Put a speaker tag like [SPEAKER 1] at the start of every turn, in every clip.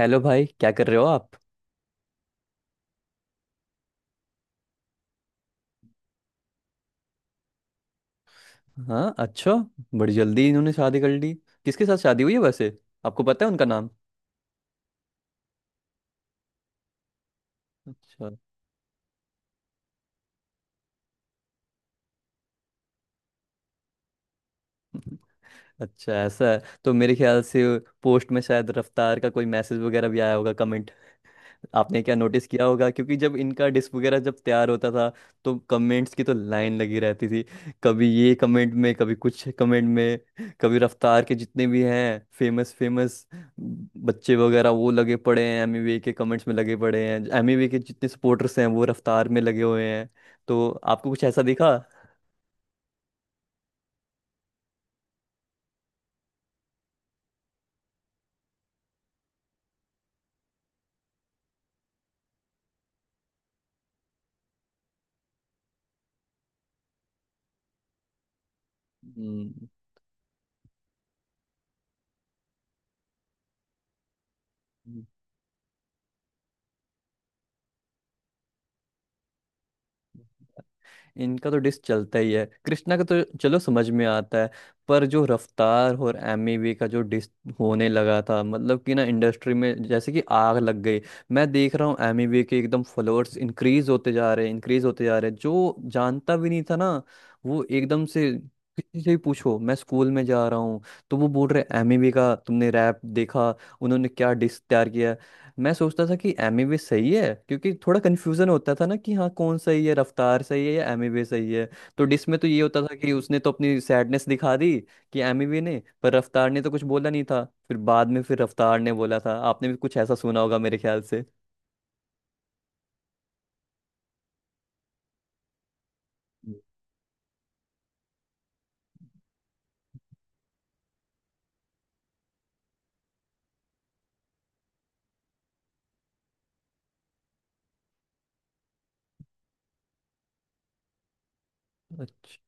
[SPEAKER 1] Hello भाई, क्या कर रहे हो आप। हाँ, अच्छा। बड़ी जल्दी इन्होंने शादी कर ली। किसके साथ शादी हुई है वैसे? आपको पता है उनका नाम? अच्छा। अच्छा, ऐसा है। तो मेरे ख्याल से पोस्ट में शायद रफ्तार का कोई मैसेज वगैरह भी आया होगा, कमेंट। आपने क्या नोटिस किया होगा, क्योंकि जब इनका डिस्क वगैरह जब तैयार होता था तो कमेंट्स की तो लाइन लगी रहती थी। कभी ये कमेंट में, कभी कुछ कमेंट में, कभी रफ्तार के जितने भी हैं फेमस फेमस बच्चे वगैरह वो लगे पड़े हैं एमीवे के कमेंट्स में, लगे पड़े हैं। एमीवे के जितने सपोर्टर्स हैं वो रफ्तार में लगे हुए हैं। तो आपको कुछ ऐसा दिखा? हम्म। इनका तो डिस चलता ही है, कृष्णा का तो चलो समझ में आता है, पर जो रफ्तार और एमिवे का जो डिस होने लगा था, मतलब कि ना इंडस्ट्री में जैसे कि आग लग गई। मैं देख रहा हूँ एमिवे के एकदम फॉलोअर्स इंक्रीज होते जा रहे हैं, इंक्रीज होते जा रहे हैं। जो जानता भी नहीं था ना वो एकदम से, किसी से भी पूछो, मैं स्कूल में जा रहा हूँ तो वो बोल रहे एमिवे का तुमने रैप देखा, उन्होंने क्या डिस तैयार किया है। मैं सोचता था कि एमिवे सही है, क्योंकि थोड़ा कन्फ्यूजन होता था ना कि हाँ कौन सही है, रफ्तार सही है या एमिवे सही है। तो डिस में तो ये होता था कि उसने तो अपनी सैडनेस दिखा दी कि एमिवे ने, पर रफ्तार ने तो कुछ बोला नहीं था। फिर बाद में फिर रफ्तार ने बोला था। आपने भी कुछ ऐसा सुना होगा मेरे ख्याल से। हम्म। अच्छा।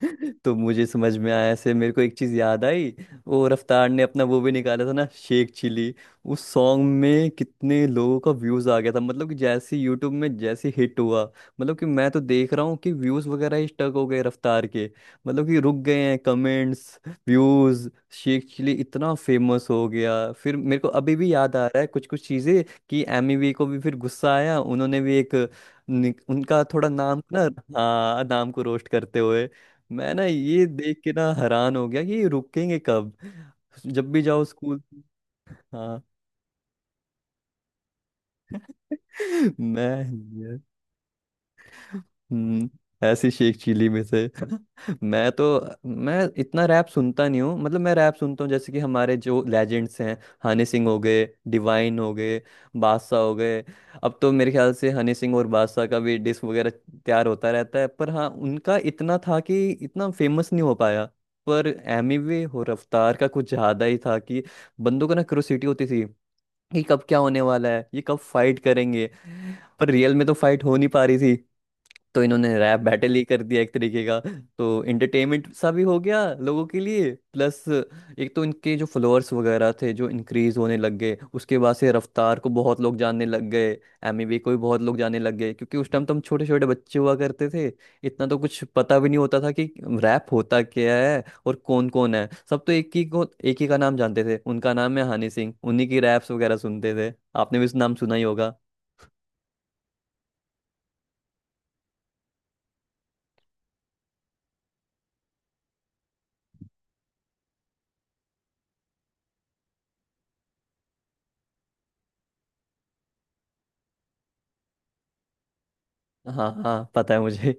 [SPEAKER 1] तो मुझे समझ में आया, ऐसे मेरे को एक चीज याद आई। वो रफ्तार ने अपना वो भी निकाला था ना, शेख चिली। उस सॉन्ग में कितने लोगों का व्यूज आ गया था, मतलब कि जैसे यूट्यूब में जैसे हिट हुआ। मतलब कि मैं तो देख रहा हूँ कि व्यूज वगैरह ही स्टक हो गए रफ्तार के, मतलब कि रुक गए हैं कमेंट्स, व्यूज। शेख चिली इतना फेमस हो गया। फिर मेरे को अभी भी याद आ रहा है कुछ कुछ चीजें कि एमी वी को भी फिर गुस्सा आया, उन्होंने भी एक उनका थोड़ा नाम ना। हाँ, नाम को रोस्ट करते हुए। मैं ना ये देख के ना हैरान हो गया कि ये रुकेंगे कब। जब भी जाओ स्कूल। हाँ। मैं। हम्म। ऐसी शेख चिली में से मैं तो, मैं इतना रैप सुनता नहीं हूँ। मतलब मैं रैप सुनता हूँ, जैसे कि हमारे जो लेजेंड्स हैं, हनी सिंह हो गए, डिवाइन हो गए, बादशाह हो गए। अब तो मेरे ख्याल से हनी सिंह और बादशाह का भी डिस्क वगैरह तैयार होता रहता है, पर हाँ उनका इतना था कि इतना फेमस नहीं हो पाया। पर एमी वे और रफ्तार का कुछ ज्यादा ही था कि बंदों को ना क्यूरियोसिटी होती थी कि कब क्या होने वाला है, ये कब फाइट करेंगे। पर रियल में तो फाइट हो नहीं पा रही, तो इन्होंने रैप बैटल ही कर दिया एक तरीके का। तो एंटरटेनमेंट सा भी हो गया लोगों के लिए, प्लस एक तो इनके जो फॉलोअर्स वगैरह थे जो इंक्रीज होने लग गए। उसके बाद से रफ्तार को बहुत लोग जानने लग गए, एमी वे को भी बहुत लोग जानने लग गए। क्योंकि उस टाइम तो हम छोटे छोटे बच्चे हुआ करते थे, इतना तो कुछ पता भी नहीं होता था कि रैप होता क्या है और कौन कौन है। सब तो एक ही को, एक ही का नाम जानते थे, उनका नाम है हनी सिंह। उन्हीं की रैप्स वगैरह सुनते थे। आपने भी उस नाम सुना ही होगा। हाँ हाँ, पता है मुझे।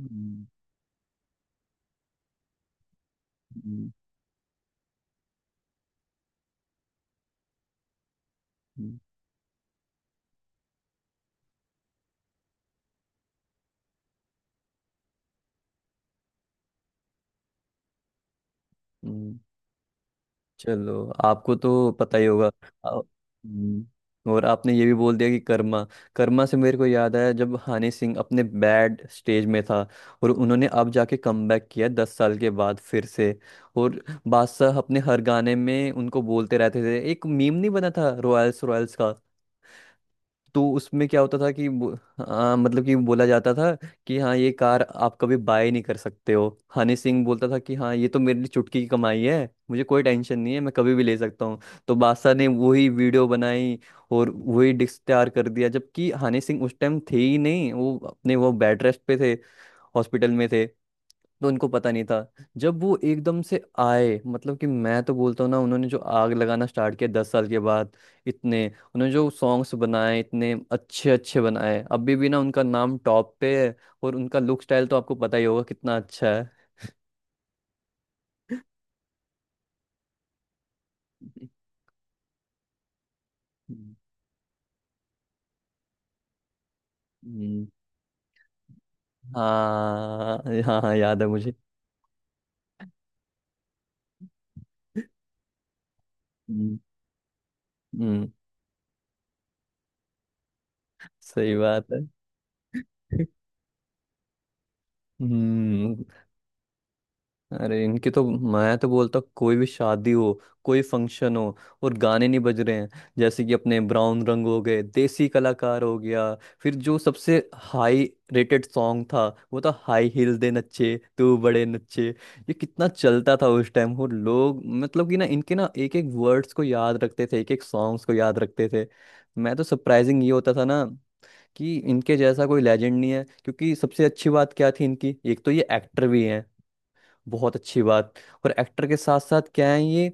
[SPEAKER 1] हम्म, हम्म, हम्म। हम्म, चलो आपको तो पता ही होगा। आ- हम्म। और आपने ये भी बोल दिया कि कर्मा। कर्मा से मेरे को याद आया, जब हनी सिंह अपने बैड स्टेज में था और उन्होंने अब जाके कमबैक किया 10 साल के बाद फिर से। और बादशाह अपने हर गाने में उनको बोलते रहते थे। एक मीम नहीं बना था रॉयल्स रॉयल्स का, तो उसमें क्या होता था कि हाँ, मतलब कि बोला जाता था कि हाँ ये कार आप कभी बाय नहीं कर सकते हो। हनी सिंह बोलता था कि हाँ ये तो मेरे लिए चुटकी की कमाई है, मुझे कोई टेंशन नहीं है, मैं कभी भी ले सकता हूँ। तो बादशाह ने वही वीडियो बनाई और वही डिस्क तैयार कर दिया, जबकि हनी सिंह उस टाइम थे ही नहीं, वो अपने वो बेड रेस्ट पे थे, हॉस्पिटल में थे, तो उनको पता नहीं था। जब वो एकदम से आए, मतलब कि मैं तो बोलता हूँ ना, उन्होंने जो आग लगाना स्टार्ट किया 10 साल के बाद, इतने उन्होंने जो सॉन्ग्स बनाए, इतने अच्छे अच्छे बनाए, अभी भी ना उनका नाम टॉप पे है। और उनका लुक स्टाइल तो आपको पता ही होगा कितना अच्छा है। हम्म, हम्म, हाँ हाँ हाँ, याद है मुझे। हम्म, हम्म, सही बात है। हम्म। अरे इनकी तो, मैं तो बोलता हूँ, कोई भी शादी हो, कोई फंक्शन हो और गाने नहीं बज रहे हैं, जैसे कि अपने ब्राउन रंग हो गए, देसी कलाकार हो गया। फिर जो सबसे हाई रेटेड सॉन्ग था, वो था हाई हील दे नच्चे तू बड़े नच्चे। ये कितना चलता था उस टाइम, और लोग मतलब कि ना इनके ना एक एक वर्ड्स को याद रखते थे, एक एक सॉन्ग्स को याद रखते थे। मैं तो सरप्राइजिंग ये होता था ना कि इनके जैसा कोई लेजेंड नहीं है। क्योंकि सबसे अच्छी बात क्या थी इनकी, एक तो ये एक्टर भी हैं, बहुत अच्छी बात, और एक्टर के साथ साथ क्या है ये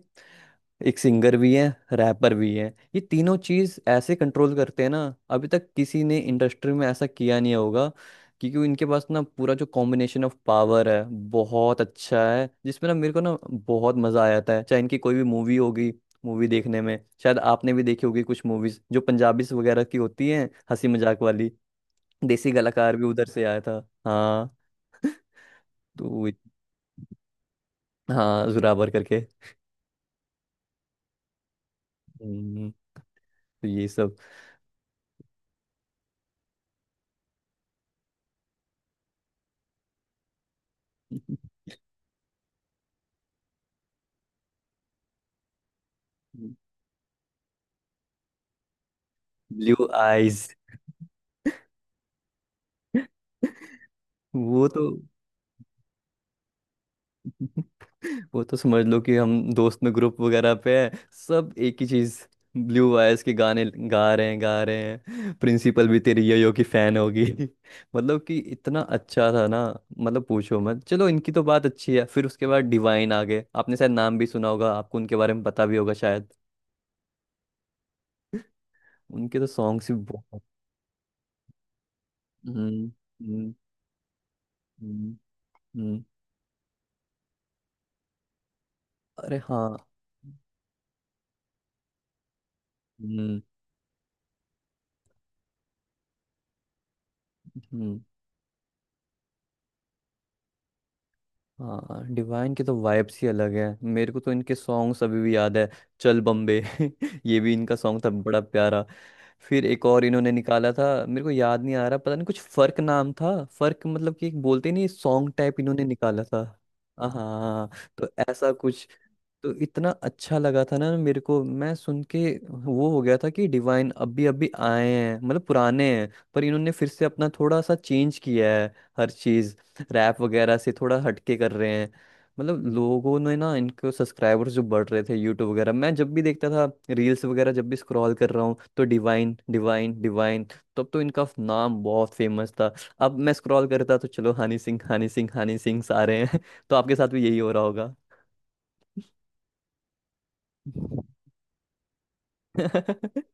[SPEAKER 1] एक सिंगर भी है, रैपर भी है। ये तीनों चीज ऐसे कंट्रोल करते हैं ना, अभी तक किसी ने इंडस्ट्री में ऐसा किया नहीं होगा। क्योंकि इनके पास ना पूरा जो कॉम्बिनेशन ऑफ पावर है बहुत अच्छा है, जिसमें ना मेरे को ना बहुत मजा आ जाता है चाहे इनकी कोई भी मूवी होगी, मूवी देखने में। शायद आपने भी देखी होगी कुछ मूवीज जो पंजाबी वगैरह की होती हैं, हंसी मजाक वाली। देसी कलाकार भी उधर से आया था। हाँ, तो वो- हाँ, जोरावर करके। तो ये सब। Blue eyes. वो तो। वो तो समझ लो कि हम दोस्त में ग्रुप वगैरह पे हैं सब एक ही चीज, ब्लू आइज के गाने गा रहे हैं, गा रहे हैं प्रिंसिपल भी तेरी यो की फैन होगी। मतलब कि इतना अच्छा था ना, मतलब पूछो मत। चलो इनकी तो बात अच्छी है। फिर उसके बाद डिवाइन आ गए, आपने शायद नाम भी सुना होगा, आपको उनके बारे में पता भी होगा शायद। उनके तो सॉन्ग्स भी बहुत। हम्म, हम्म, हम्म, हम्म। अरे हाँ। हम्म, हम्म। हाँ, डिवाइन के तो वाइब्स ही अलग है, मेरे को तो इनके सॉन्ग्स अभी भी याद है। चल बम्बे। ये भी इनका सॉन्ग था, बड़ा प्यारा। फिर एक और इन्होंने निकाला था, मेरे को याद नहीं आ रहा, पता नहीं कुछ फर्क नाम था, फर्क, मतलब कि एक बोलते नहीं सॉन्ग टाइप इन्होंने निकाला था। हाँ, तो ऐसा कुछ, तो इतना अच्छा लगा था ना मेरे को मैं सुन के। वो हो गया था कि डिवाइन अभी अभी आए हैं, मतलब पुराने हैं पर इन्होंने फिर से अपना थोड़ा सा चेंज किया है हर चीज, रैप वगैरह से थोड़ा हटके कर रहे हैं। मतलब लोगों ने ना इनके सब्सक्राइबर्स जो बढ़ रहे थे, यूट्यूब वगैरह मैं जब भी देखता था, रील्स वगैरह जब भी स्क्रॉल कर रहा हूँ, तो डिवाइन डिवाइन डिवाइन। तब तो इनका नाम बहुत फेमस था। अब मैं स्क्रॉल करता तो चलो हनी सिंह हनी सिंह हनी सिंह सारे हैं। तो आपके साथ भी यही हो रहा होगा।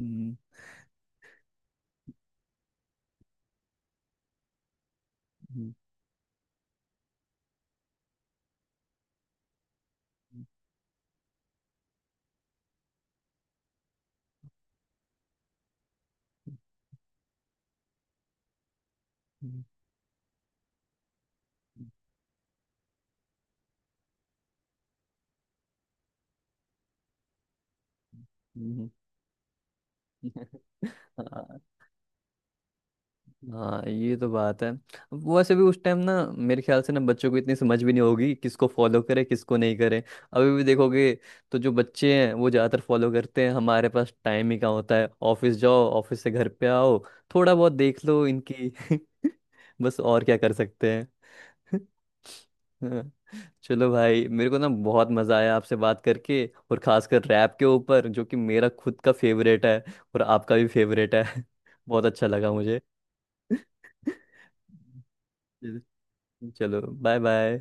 [SPEAKER 1] हम्म, हम्म, हम्म, हम्म, हम्म। हाँ हाँ, ये तो बात है। वैसे भी उस टाइम ना मेरे ख्याल से ना बच्चों को इतनी समझ भी नहीं होगी किसको फॉलो करे किसको नहीं करे। अभी भी देखोगे तो जो बच्चे हैं वो ज़्यादातर फॉलो करते हैं। हमारे पास टाइम ही कहाँ होता है, ऑफिस जाओ, ऑफिस से घर पे आओ, थोड़ा बहुत देख लो इनकी। बस और क्या कर सकते हैं। हाँ, चलो भाई, मेरे को ना बहुत मजा आया आपसे बात करके, और खासकर रैप के ऊपर जो कि मेरा खुद का फेवरेट है और आपका भी फेवरेट है। बहुत अच्छा लगा मुझे। चलो, बाय बाय।